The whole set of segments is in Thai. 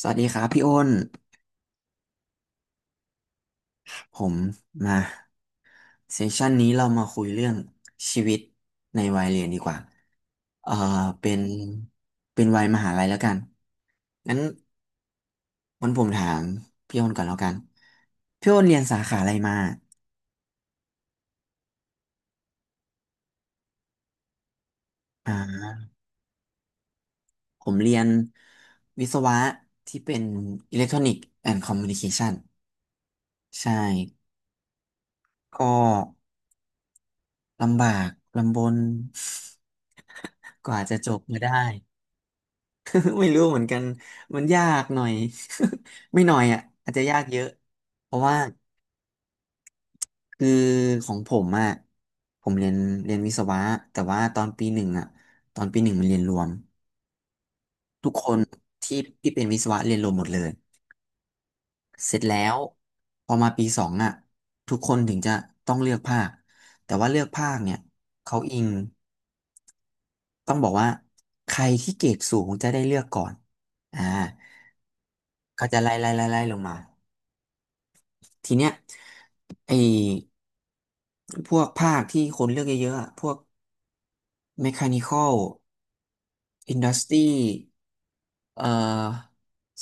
สวัสดีครับพี่อ้น ผมมาเซสชันนี้เรามาคุยเรื่องชีวิตในวัยเรียนดีกว่า เอ่อ เป็น เป็นวัยมหาลัยแล้วกันงั้นวันผมถามพี่อ้นก่อนแล้วกัน พี่อ้นเรียนสาขาอะไรมาอ่าผมเรียนวิศวะที่เป็นอิเล็กทรอนิกส์แอนด์คอมมิวนิเคชันใช่ ก็ลำบากลำบน กว่าจะจบมาได้ ไม่รู้เหมือนกันมันยากหน่อย ไม่หน่อยอ่ะอาจจะยากเยอะ เพราะว่าคือของผมอ่ะผมเรียนวิศวะแต่ว่าตอนปีหนึ่งอ่ะตอนปีหนึ่งมันเรียนรวม ทุกคนที่ที่เป็นวิศวะเรียนรวมหมดเลย เสร็จแล้วพอมาปีสองอ่ะทุกคนถึงจะต้องเลือกภาค แต่ว่าเลือกภาคเนี่ยเขาอิงต้องบอกว่าใครที่เกรดสูงจะได้เลือกก่อนอ่าเขาจะไล่ลงมา ทีเนี้ยไอ้พวกภาคที่คนเลือกเยอะๆอะพวกเมคานิคอลอินดัสตรีเอ่อ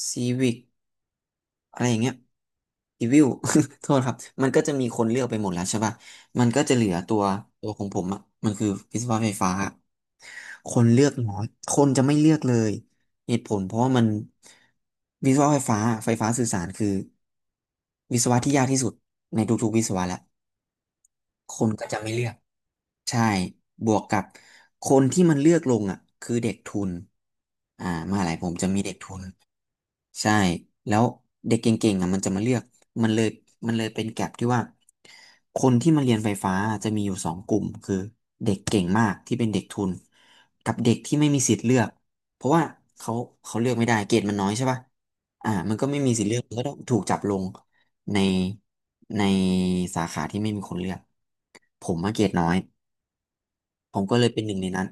ซีวิกอะไรอย่างเงี้ยซีวิล โทษครับ มันก็จะมีคนเลือกไปหมดแล้วใช่ป่ะมันก็จะเหลือตัวของผมอ่ะมันคือวิศวะไฟฟ้า คนเลือกน้อยคนจะไม่เลือกเลยเหตุผลเพราะว่ามันวิศวะไฟฟ้าไฟฟ้าสื่อสารคือวิศวะที่ยากที่สุดในทุกๆวิศวะแหละ คุณก็จะไม่เลือก ใช่บวกกับคนที่มันเลือกลงอ่ะคือเด็กทุนอ่ามหาลัยผมจะมีเด็กทุนใช่ แล้วเด็กเก่งๆอ่ะมันจะมาเลือกมันเลยเป็นแก็ปที่ว่าคนที่มาเรียนไฟฟ้าจะมีอยู่สองกลุ่มคือเด็กเก่งมากที่เป็นเด็กทุนกับเด็กที่ไม่มีสิทธิ์เลือกเพราะว่าเขาเลือกไม่ได้เกรดมันน้อยใช่ป่ะอ่ามันก็ไม่มีสิทธิ์เลือกมันก็ต้องถูกจับลงในในสาขาที่ไม่มีคนเลือกผมมาเกรดน้อย ผมก็เลยเป็นหนึ่งในนั้น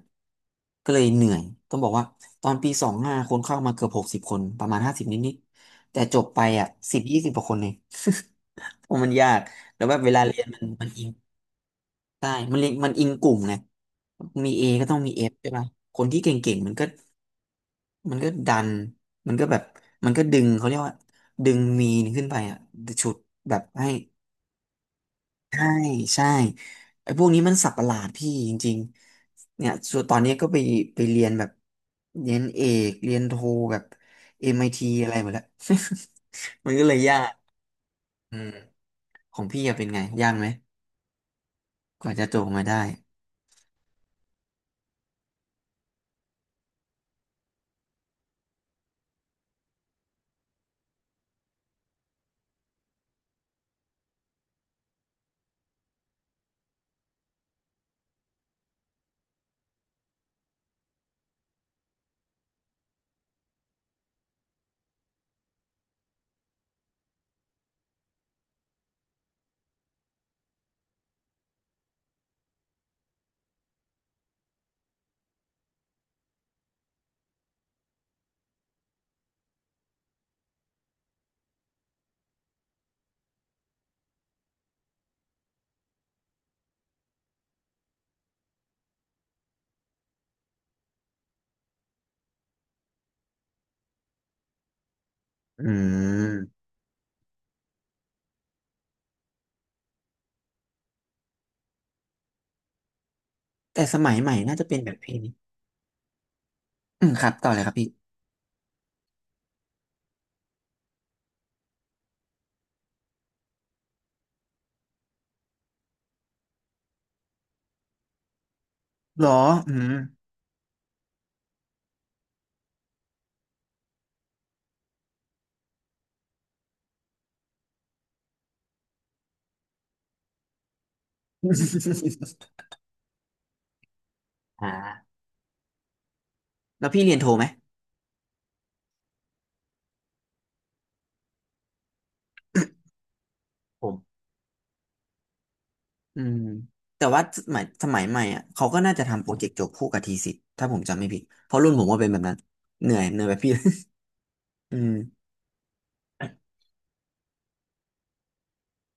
ก็เลยเหนื่อยต้องบอกว่าตอนปีสองห้าคนเข้ามาเกือบหกสิบคนประมาณห้าสิบนิดๆแต่จบไปอ่ะสิบยี่สิบกว่าคนเองเพราะมันยากแล้วแบบเวลาเรียนมันอิงใช่มันเรียนมันอิงกลุ่มไงมีเอก็ต้องมีเอฟใช่ป่ะคนที่เก่งๆมันก็มันก็ดันมันก็แบบมันก็ดึงเขาเรียกว่าดึงมีนขึ้นไปอ่ะฉุดแบบให้ ใช่ใช่ไอ้พวกนี้มันสับประหลาดพี่จริงๆเนี่ยส่วนตอนนี้ก็ไปเรียนแบบเรียนเอกเรียนโทแบบ MIT อมไอทีอะไรหมดแล้ว มันก็เลยยากอืมของพี่อะเป็นไงยากไหมกว่าจะจบมาได้อืมแต่สมัยใหม่น่าจะเป็นแบบพี่นี่อืมครับต่อเลยครับพี่หรออืม อ่าแล้วพี่เรียนโทไหมผม อืมแต่ว่าสมัยใหม่อ่ะเขาก็น่าจะทำโปรเจกต์จบคู่กับทีสิทธ์ถ้าผมจำไม่ผิดเพราะรุ่นผมว่าเป็นแบบนั้นเหนื่อยแบบพี่ อืม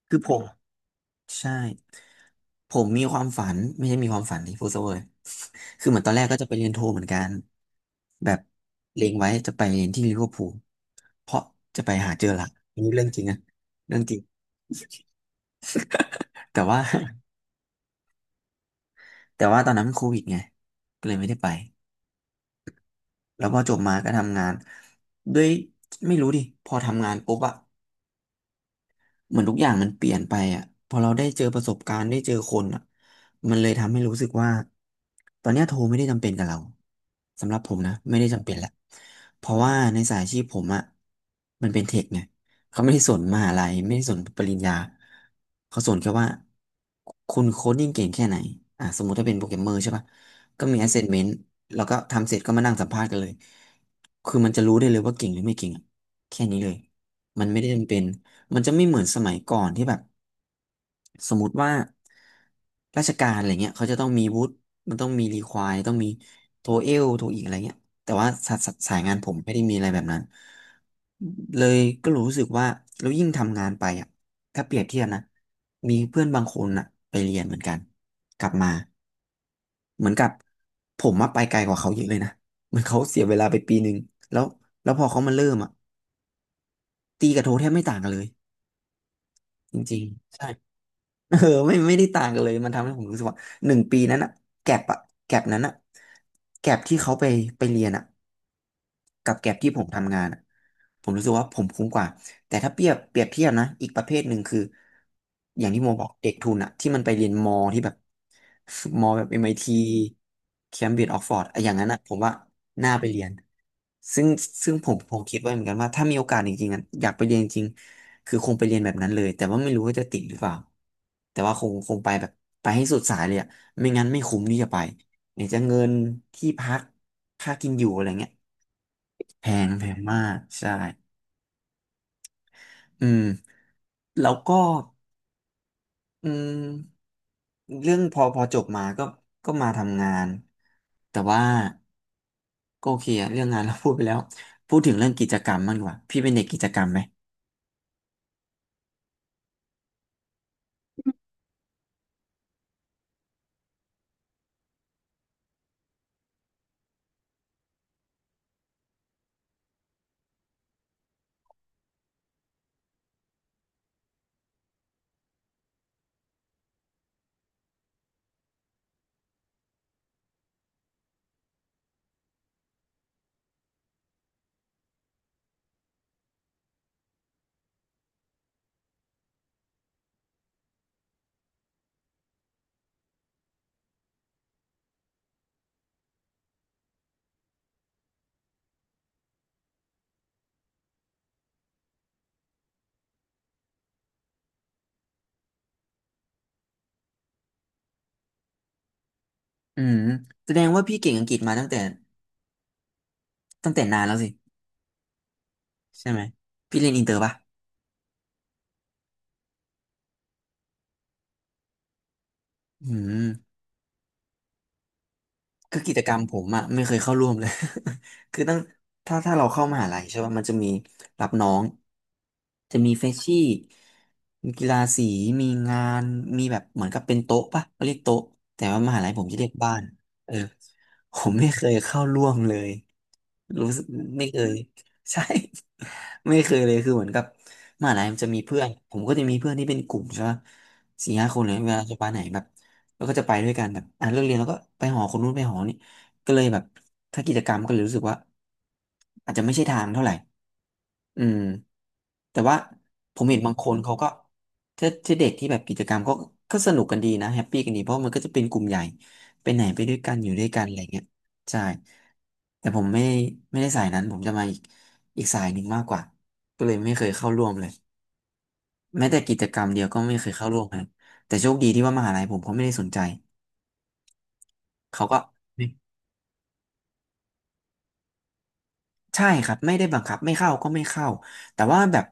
คือผมใช่ผมมีความฝันไม่ใช่มีความฝันที่พูดซะเวอร์ คือเหมือนตอนแรกก็จะไปเรียนโทเหมือนกันแบบเล็งไว้จะไปเรียนที่ลิเวอร์พูลเพราะจะไปหาเจอหลักอันนี้เรื่องจริงนะเรื่องจริงแต่ว่า แต่ว่าตอนนั้นมันโควิดไงก็เลยไม่ได้ไป แล้วพอจบมาก็ทำงานด้วยไม่รู้ดิ พอทำงานปุ๊บอะ เหมือนทุกอย่างมันเปลี่ยนไปอ่ะพอเราได้เจอประสบการณ์ได้เจอคนอ่ะมันเลยทำให้รู้สึกว่าตอนเนี้ยโทรไม่ได้จำเป็นกับเราสำหรับผมนะไม่ได้จำเป็นแหละเพราะว่าในสายอาชีพผมอ่ะมันเป็นเทคไงเขาไม่ได้สนมหาลัยไม่ได้สนปริญญาเขาสนแค่ว่าคุณโคดดิ้งเก่งแค่ไหนอ่ะสมมุติถ้าเป็นโปรแกรมเมอร์ใช่ปะก็มี assessment แล้วก็ทำเสร็จก็มานั่งสัมภาษณ์กันเลยคือมันจะรู้ได้เลยว่าเก่งหรือไม่เก่งอะแค่นี้เลยมันไม่ได้จำเป็น มันจะไม่เหมือนสมัยก่อนที่แบบสมมติว่าราชการอะไรเงี้ยเขาจะต้องมีวุฒิมันต้องมีรีควายต้องมีโทเอลโทอีกอะไรเงี้ยแต่ว่าสายงานผมไม่ได้มีอะไรแบบนั้นเลยก็รู้สึกว่าแล้วยิ่งทำงานไปอ่ะถ้าเปรียบเทียบนะมีเพื่อนบางคนอ่ะไปเรียนเหมือนกันกลับมาเหมือนกับผมมาไปไกลกว่าเขาเยอะเลยนะเหมือนเขาเสียเวลาไปปีหนึ่งแล้วแล้วพอเขามาเริ่มอ่ะตีกับโทแทบไม่ต่างกันเลยจริงๆใช่ เออ ไม่ไม่ได้ต่างกันเลยมันทำให้ผมรู้สึกว่า1 ปีนั้นอะแก็บอะแก็บนั้นอะแก็บที่เขาไปไปเรียนอะ กับแกร็บที่ผมทำงานอะผมรู้สึกว่าผมคุ้มกว่าแต่ถ้าเปรียบเทียบนะอีกประเภทหนึ่งคืออย่างที่โมบอกเด็กทุนอะที่มันไปเรียนมอที่แบบมอแบบ m ที Cambridge Oxford อะอย่างนั้นอะผมว่าน่าไปเรียนซึ่งซึ่งผมคิดไว้เหมือนกันว่าถ้ามีโอกาสจริงๆอะอยากไปเรียนจริงๆคือคงไปเรียนแบบนั้นเลยแต่ว่าไม่รู้ว่าจะติดหรือเปล่าแต่ว่าคงไปแบบไปให้สุดสายเลยอะไม่งั้นไม่คุ้มที่จะไปไหนจะเงินที่พักค่ากินอยู่อะไรเงี้ย แพงมากใช่อืมแล้วก็อืมเรื่องพอจบมาก็ก็มาทำงานแต่ว่าก็โอเคอะเรื่องงาน เราพูดไปแล้วพูดถึงเรื่องกิจกรรมมากกว่าพี่เป็นเด็กกิจกรรมไหมอืมแสดงว่าพี่เก่งอังกฤษมาตั้งแต่นานแล้วสิใช่ไหมพี่เรียนอินเตอร์ป่ะอืม คือกิจกรรมผมอะไม่เคยเข้าร่วมเลย คือตั้งถ้าเราเข้ามหาลัยใช่ป่ะมันจะมีรับน้องจะมีเฟชชี่มีกีฬาสีมีงานมีแบบเหมือนกับเป็นโต๊ะป่ะเขาเรียกโต๊ะแต่ว่ามหาลัยผมจะเรียกบ้านเออผมไม่เคยเข้าร่วมเลยรู้สึกไม่เคยใช่ ไม่เคยเลยคือเหมือนกับมหาลัยมันจะมีเพื่อนผมก็จะมีเพื่อนที่เป็นกลุ่มใช่ป่ะ4-5 คนเลยเวลาจะไปไหนแบบ แล้วก็จะไปด้วยกันแบบอ่ะเลิกเรียนแล้วก็ไปหอคนนู้นไปหอนี่ก็เลยแบบถ้ากิจกรรมก็เลยรู้สึกว่าอาจจะไม่ใช่ทางเท่าไหร่อืมแต่ว่าผมเห็นบางคนเขาก็ถ้าเด็กที่แบบกิจกรรมก็ก็สนุกกันดีนะแฮปปี้กันดีเพราะมันก็จะเป็นกลุ่มใหญ่ไปไหนไปด้วยกันอยู่ด้วยกันอะไรเงี้ยใช่แต่ผมไม่ไม่ได้สายนั้นผมจะมาอีกอีกสายหนึ่งมากกว่าก็เลยไม่เคยเข้าร่วมเลยแม้แต่กิจกรรมเดียวก็ไม่เคยเข้าร่วมครับแต่โชคดีที่ว่ามหาลัยผมเขาไม่ได้สนใจ เขาก็ไม่ใช่ครับไม่ได้บังคับไม่เข้าก็ไม่เข้าแต่ว่าแบบ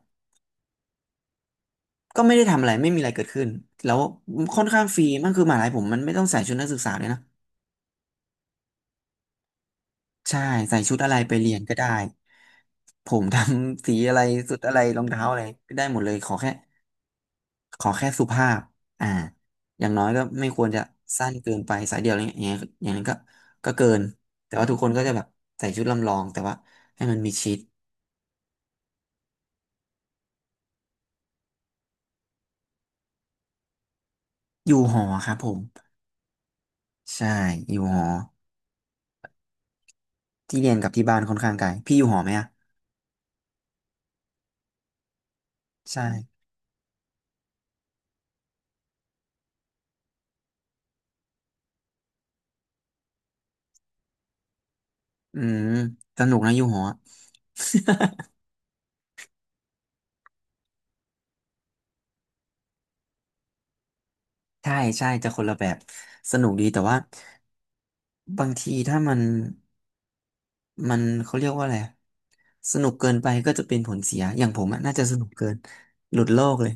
ก็ไม่ได้ทำอะไรไม่มีอะไรเกิดขึ้นแล้วค่อนข้างฟรีมันคือมหาลัยผมมันไม่ต้องใส่ชุดนักศึกษาเลยนะใช่ใส่ชุดอะไรไปเรียนก็ได้ผมทำสีอะไรสุดอะไรรองเท้าอะไรก็ได้หมดเลยขอแค่สุภาพอ่าอย่างน้อยก็ไม่ควรจะสั้นเกินไปสายเดียวอะไรเงี้ยอย่างเงี้ยอย่างนั้นก็ก็เกินแต่ว่าทุกคนก็จะแบบใส่ชุดลำลองแต่ว่าให้มันมีชิดอยู่หอครับผมใช่อยู่หอ ที่เรียนกับที่บ้านค่อนข้างไกลพี่อยู่หอไหมอะใช่อืมสนุกนะอยู่หอใช่ใช่จะคนละแบบสนุกดีแต่ว่าบางทีถ้ามันมันเขาเรียกว่าอะไรอะสนุกเกินไปก็จะเป็นผลเสียอย่างผมอะน่าจะสนุกเกินหลุดโลกเลย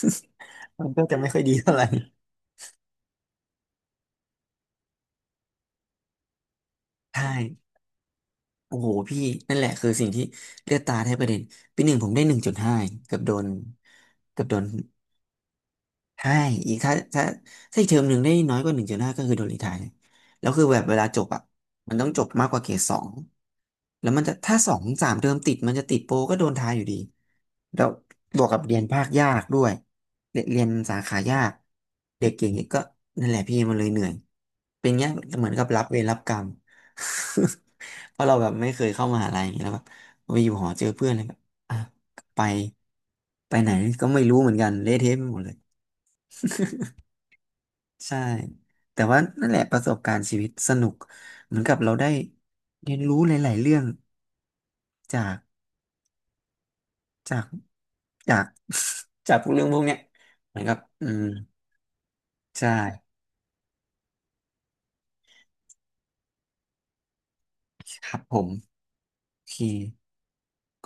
มันก็จะไม่ค่อยดีเท่าไหร่ใช่โอ้โหพี่นั่นแหละคือสิ่งที่เลือดตาแทบกระเด็นปีหนึ่งผมได้หนึ่งจุดห้าเกือบโดนเกือบโดน ใช่อีกถ้าอีกเทอมหนึ่งได้น้อยกว่าหนึ่งจุดห้าก็คือโดนรีไทร์เลยแล้วคือแบบเวลาจบอ่ะมันต้องจบมากกว่าเกรด 2แล้วมันจะถ้า2-3 เทอมติดมันจะติดโปรก็โดนทายอยู่ดีแล้วบวกกับเรียนภาคยากด้วยเรียนสาขายากเด็กเก่งเนี่ยก็นั่นแหละพี่มันเลยเหนื่อยเป็นเงี้ยเหมือนกับรับเวรรับกรรม เพราะเราแบบไม่เคยเข้ามหาลัยอย่างเงี้ยแล้วแบบไปอยู่หอเจอเพื่อนเลยแบบอ่ะไปไหนก็ไม่รู้เหมือนกันเละเทะไปหมดเลย ใช่แต่ว่านั่นแหละประสบการณ์ชีวิตสนุกเหมือนกับเราได้เรียนรู้หลายๆเรื่องจากจากจากจากพวกเรื่องพวกเนี้ยเหมือนกับอืมใช่ครับผมโอเค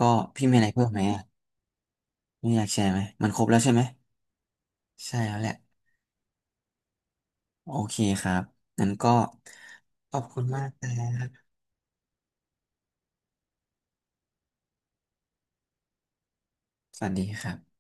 ก็พี่มีอะไรเพิ่มไหมอ่ะไม่อยากแชร์ไหมมันครบแล้วใช่ไหมใช่แล้วแหละโอเคครับงั้นก็ขอบคุณมากนะครับสวัสดีครับ